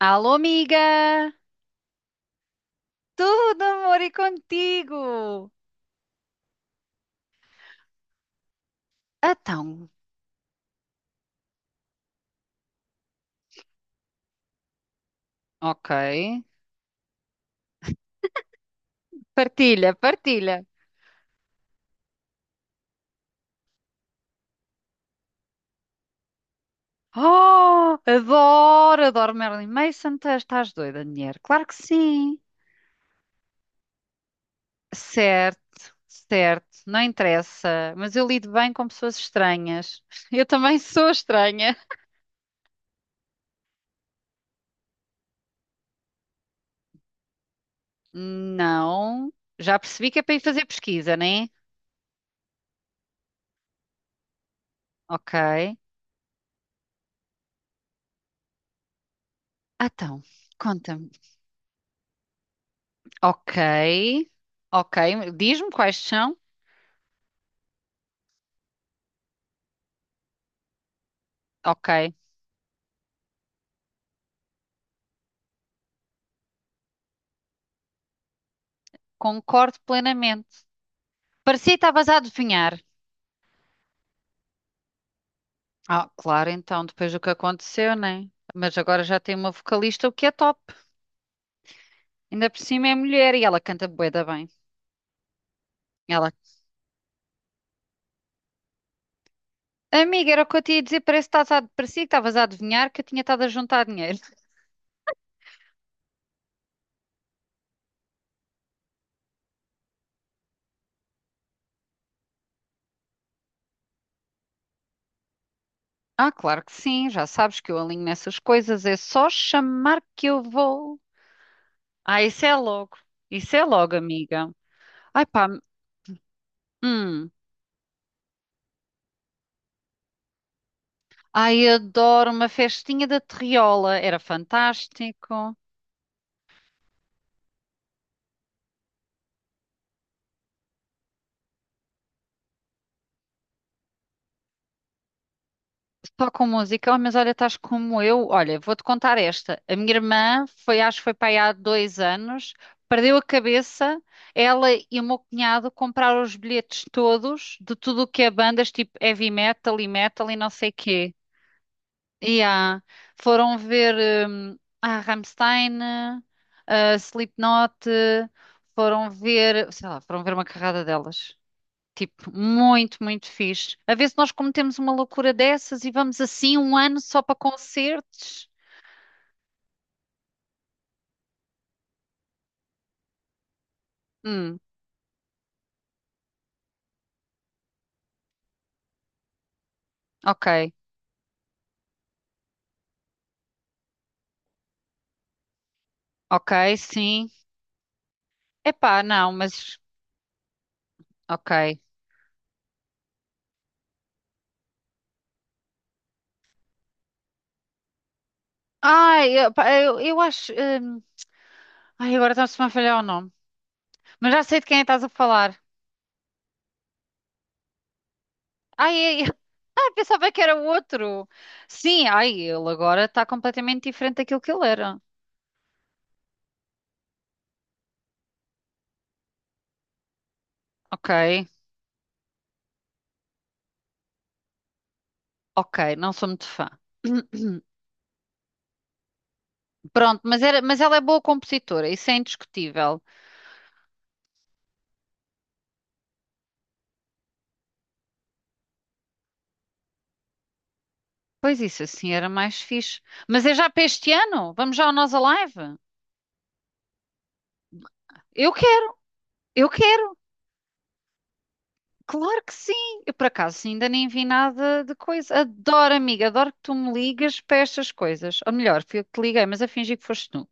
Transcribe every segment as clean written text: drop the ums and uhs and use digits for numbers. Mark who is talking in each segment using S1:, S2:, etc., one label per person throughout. S1: Alô, amiga! Tudo amor e contigo! Então, ok. Partilha, partilha. Oh, adoro, adoro Marilyn Manson. Tu Estás doida, mulher? Claro que sim. Certo, certo. Não interessa. Mas eu lido bem com pessoas estranhas. Eu também sou estranha. Não. Já percebi que é para ir fazer pesquisa, né? Ok. Então, conta-me. Ok. Ok. Diz-me quais são. Ok, concordo plenamente. Parecia que estavas a adivinhar. Ah, claro, então, depois do que aconteceu, né? Mas agora já tem uma vocalista, o que é top. Ainda por cima é mulher e ela canta bué da bem. Ela, amiga, era o que eu te ia dizer, parece que parecia que estavas a adivinhar que eu tinha estado a juntar dinheiro. Ah, claro que sim, já sabes que eu alinho nessas coisas, é só chamar que eu vou. Ah, isso é logo, amiga. Ai pá, hum. Ai, adoro uma festinha da Terriola, era fantástico. Só com música. Oh, mas olha, estás como eu. Olha, vou-te contar esta. A minha irmã foi, acho que foi para aí há dois anos, perdeu a cabeça. Ela e o meu cunhado compraram os bilhetes todos de tudo o que é bandas, tipo heavy metal e metal e não sei quê. E ah, foram ver a Rammstein, a Slipknot, foram ver, sei lá, foram ver uma carrada delas. Tipo, muito, muito fixe. A ver se nós cometemos uma loucura dessas e vamos assim um ano só para concertos. Hum, ok, ok, sim. Epá, não, mas ok. Ai, epá, eu acho. Hum, ai, agora está-me a falhar o nome. Mas já sei de quem estás a falar. Ai, ai, ai, pensava que era o outro. Sim, ai, ele agora está completamente diferente daquilo que ele era. Ok, ok, não sou muito fã. Pronto, mas, era, mas ela é boa compositora, isso é indiscutível. Pois isso, assim era mais fixe. Mas é já para este ano? Vamos já ao Nós Alive? Eu quero, eu quero, claro que sim. Eu por acaso ainda nem vi nada de coisa. Adoro, amiga, adoro que tu me ligas para estas coisas. Ou melhor, fui eu que te liguei, mas a fingir que foste tu.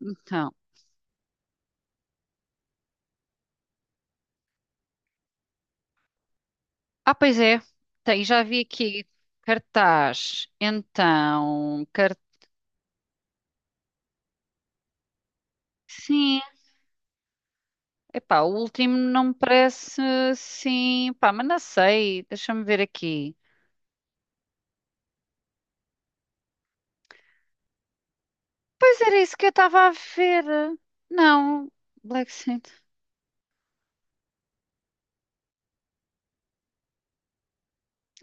S1: Então, ah, pois é, tem, já vi aqui cartaz. Então, cartaz. Sim, epá, o último não me parece sim, pá, mas não sei, deixa-me ver aqui. Pois era isso que eu estava a ver. Não, Black Saint.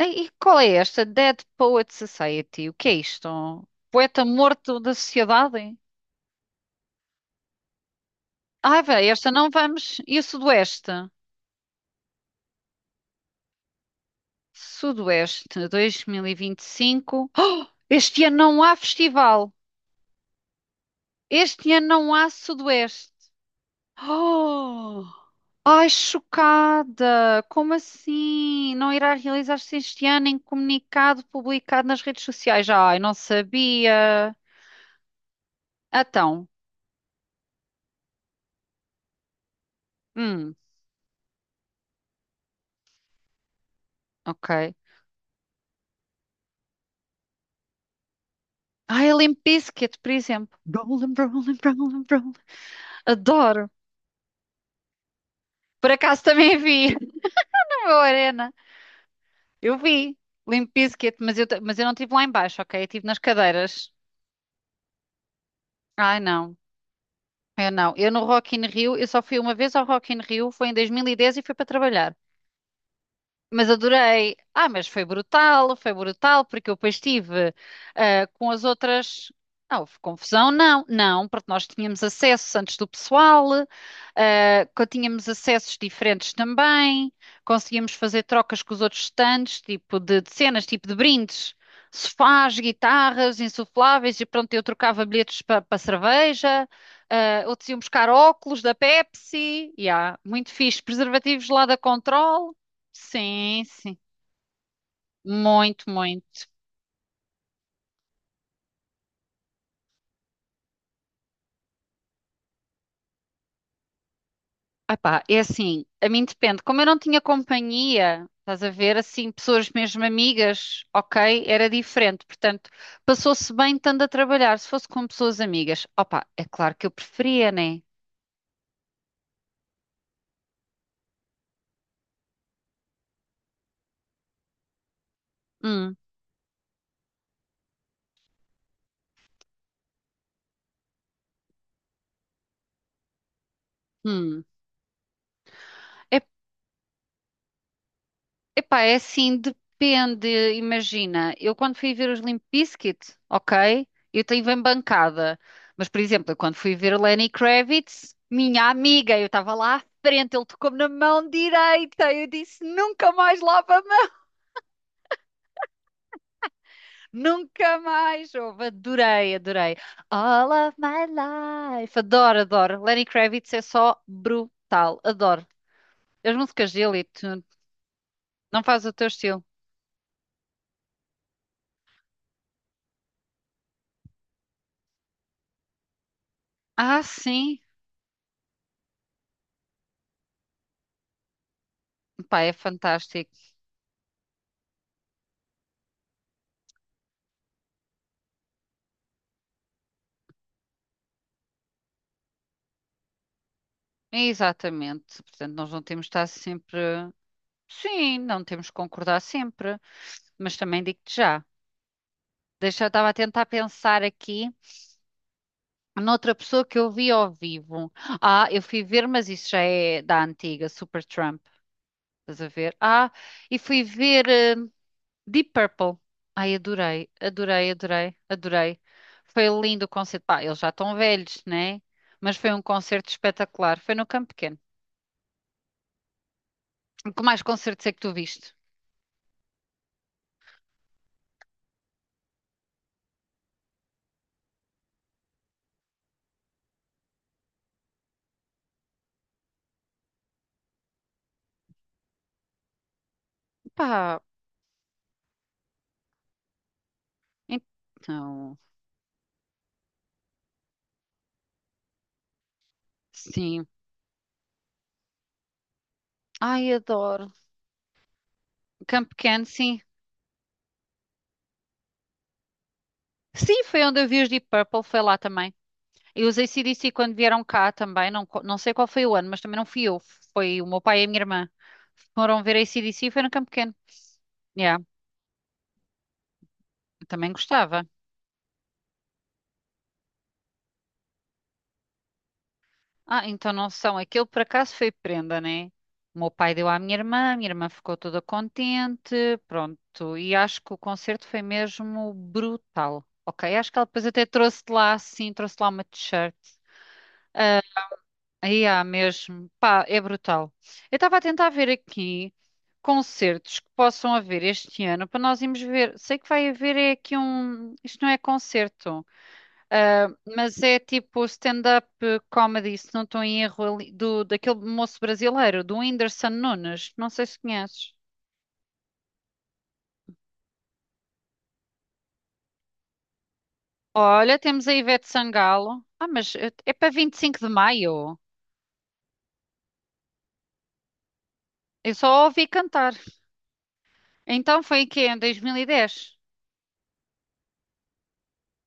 S1: E qual é esta? Dead Poet Society. O que é isto? Poeta morto da sociedade? Ai, vai, esta não vamos. E o Sudoeste? Sudoeste 2025. Oh, este ano não há festival. Este ano não há Sudoeste. Oh! Ai, chocada! Como assim? Não irá realizar-se este ano em comunicado publicado nas redes sociais? Ai, não sabia. Então, hum, ok. Ai, a Limp Bizkit, por exemplo. Rollin', rollin', rollin', rollin'. Adoro. Por acaso também vi na meu arena. Eu vi Limp Bizkit, mas eu, mas eu não estive lá em baixo, ok? Eu estive nas cadeiras. Ai, não. Eu não. Eu no Rock in Rio, eu só fui uma vez ao Rock in Rio, foi em 2010 e dez e fui para trabalhar. Mas adorei. Ah, mas foi brutal, porque eu depois estive ah, com as outras. Ah, houve confusão? Não, não, porque nós tínhamos acessos antes do pessoal, ah, tínhamos acessos diferentes também, conseguíamos fazer trocas com os outros stands, tipo de cenas, tipo de brindes, sofás, guitarras, insufláveis, e pronto, eu trocava bilhetes para cerveja, ah, outros iam buscar óculos da Pepsi, yeah, muito fixe, preservativos lá da Control. Sim, sim. Muito, muito. Epá, é assim, a mim depende. Como eu não tinha companhia, estás a ver, assim, pessoas mesmo amigas, ok, era diferente. Portanto, passou-se bem estando a trabalhar. Se fosse com pessoas amigas, opá, é claro que eu preferia, né? Hum, hum. Epá, é assim, depende. Imagina, eu quando fui ver os Limp Bizkit, ok, eu tenho bem bancada. Mas, por exemplo, eu quando fui ver Lenny Kravitz, minha amiga, eu estava lá à frente, ele tocou-me na mão direita. Eu disse, nunca mais lava a mão, nunca mais. Ouve, adorei, adorei. All of my life. Adoro, adoro. Lenny Kravitz é só brutal, adoro. As músicas dele e tudo. Não faz o teu estilo. Ah, sim. Pá, é fantástico. Exatamente. Portanto, nós não temos de estar sempre. Sim, não temos de concordar sempre. Mas também digo-te já. Deixa, eu estava a tentar pensar aqui noutra pessoa que eu vi ao vivo. Ah, eu fui ver, mas isso já é da antiga, Super Trump. Estás a ver? Ah, e fui ver Deep Purple. Ai, adorei, adorei, adorei, adorei. Foi lindo o concerto. Pá, eles já estão velhos, né? Mas foi um concerto espetacular. Foi no Campo Pequeno. Que mais concertos é que tu viste? Pá, então, sim. Ai, adoro. Campo Pequeno, sim. Sim, foi onde eu vi os Deep Purple, foi lá também. E os ac C quando vieram cá também, não, não sei qual foi o ano, mas também não fui eu, foi o meu pai e a minha irmã. Foram ver AC/DC e foi no Campo Pequeno. Yeah, eu também gostava. Ah, então não são. Aquilo por acaso foi prenda, né? O meu pai deu à minha irmã, a minha irmã ficou toda contente, pronto. E acho que o concerto foi mesmo brutal. Ok, acho que ela depois até trouxe de lá, sim, trouxe de lá uma t-shirt. Ah, aí há mesmo. Pá, é brutal. Eu estava a tentar ver aqui concertos que possam haver este ano para nós irmos ver. Sei que vai haver é aqui um. Isto não é concerto. Ah, mas é tipo stand-up comedy, se não estou em erro, ali, daquele moço brasileiro, do Whindersson Nunes. Não sei se conheces. Olha, temos a Ivete Sangalo. Ah, mas é para 25 de maio. Eu só a ouvi cantar. Então foi em quê? Em 2010.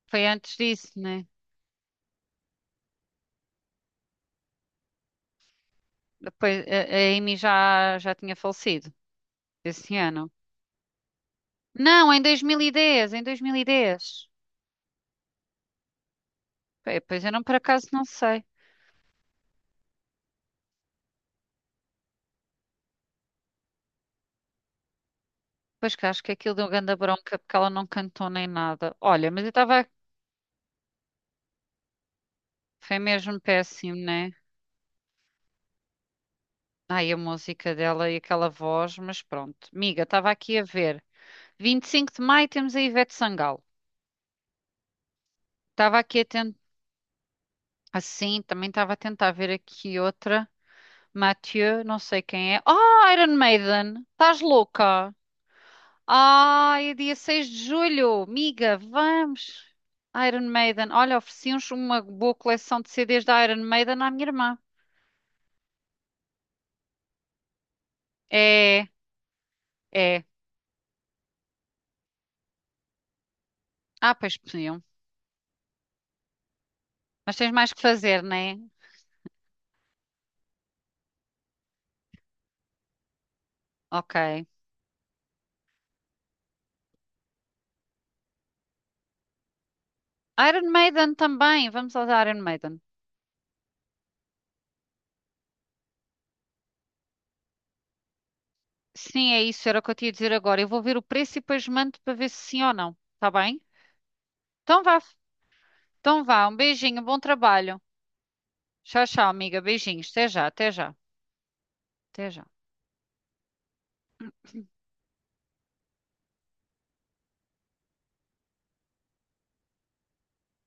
S1: Foi antes disso, né? Depois a Amy já, já tinha falecido esse ano. Não, em 2010, em 2010. Bem, Pois eu não, por acaso, não sei. Pois que acho que aquilo deu grande bronca porque ela não cantou nem nada. Olha, mas eu estava. Foi mesmo péssimo, né? Ai, a música dela e aquela voz, mas pronto. Miga, estava aqui a ver. 25 de maio temos a Ivete Sangalo. Estava aqui a tentar. Assim, também estava a tentar ver aqui outra. Mathieu, não sei quem é. Ah, Iron Maiden! Estás louca? Ah, é dia 6 de julho. Miga, vamos! Iron Maiden. Olha, ofereci uns uma boa coleção de CDs da Iron Maiden à minha irmã. É, é. Ah, pois podiam. Mas tens mais que fazer, não é? Ok. Iron Maiden também. Vamos aos Iron Maiden. Sim, é isso. Era o que eu tinha a dizer agora. Eu vou ver o preço e depois mando para ver se sim ou não. Tá bem? Então vá. Então vá. Um beijinho. Bom trabalho. Tchau, tchau, amiga. Beijinhos. Até já, até já. Até já.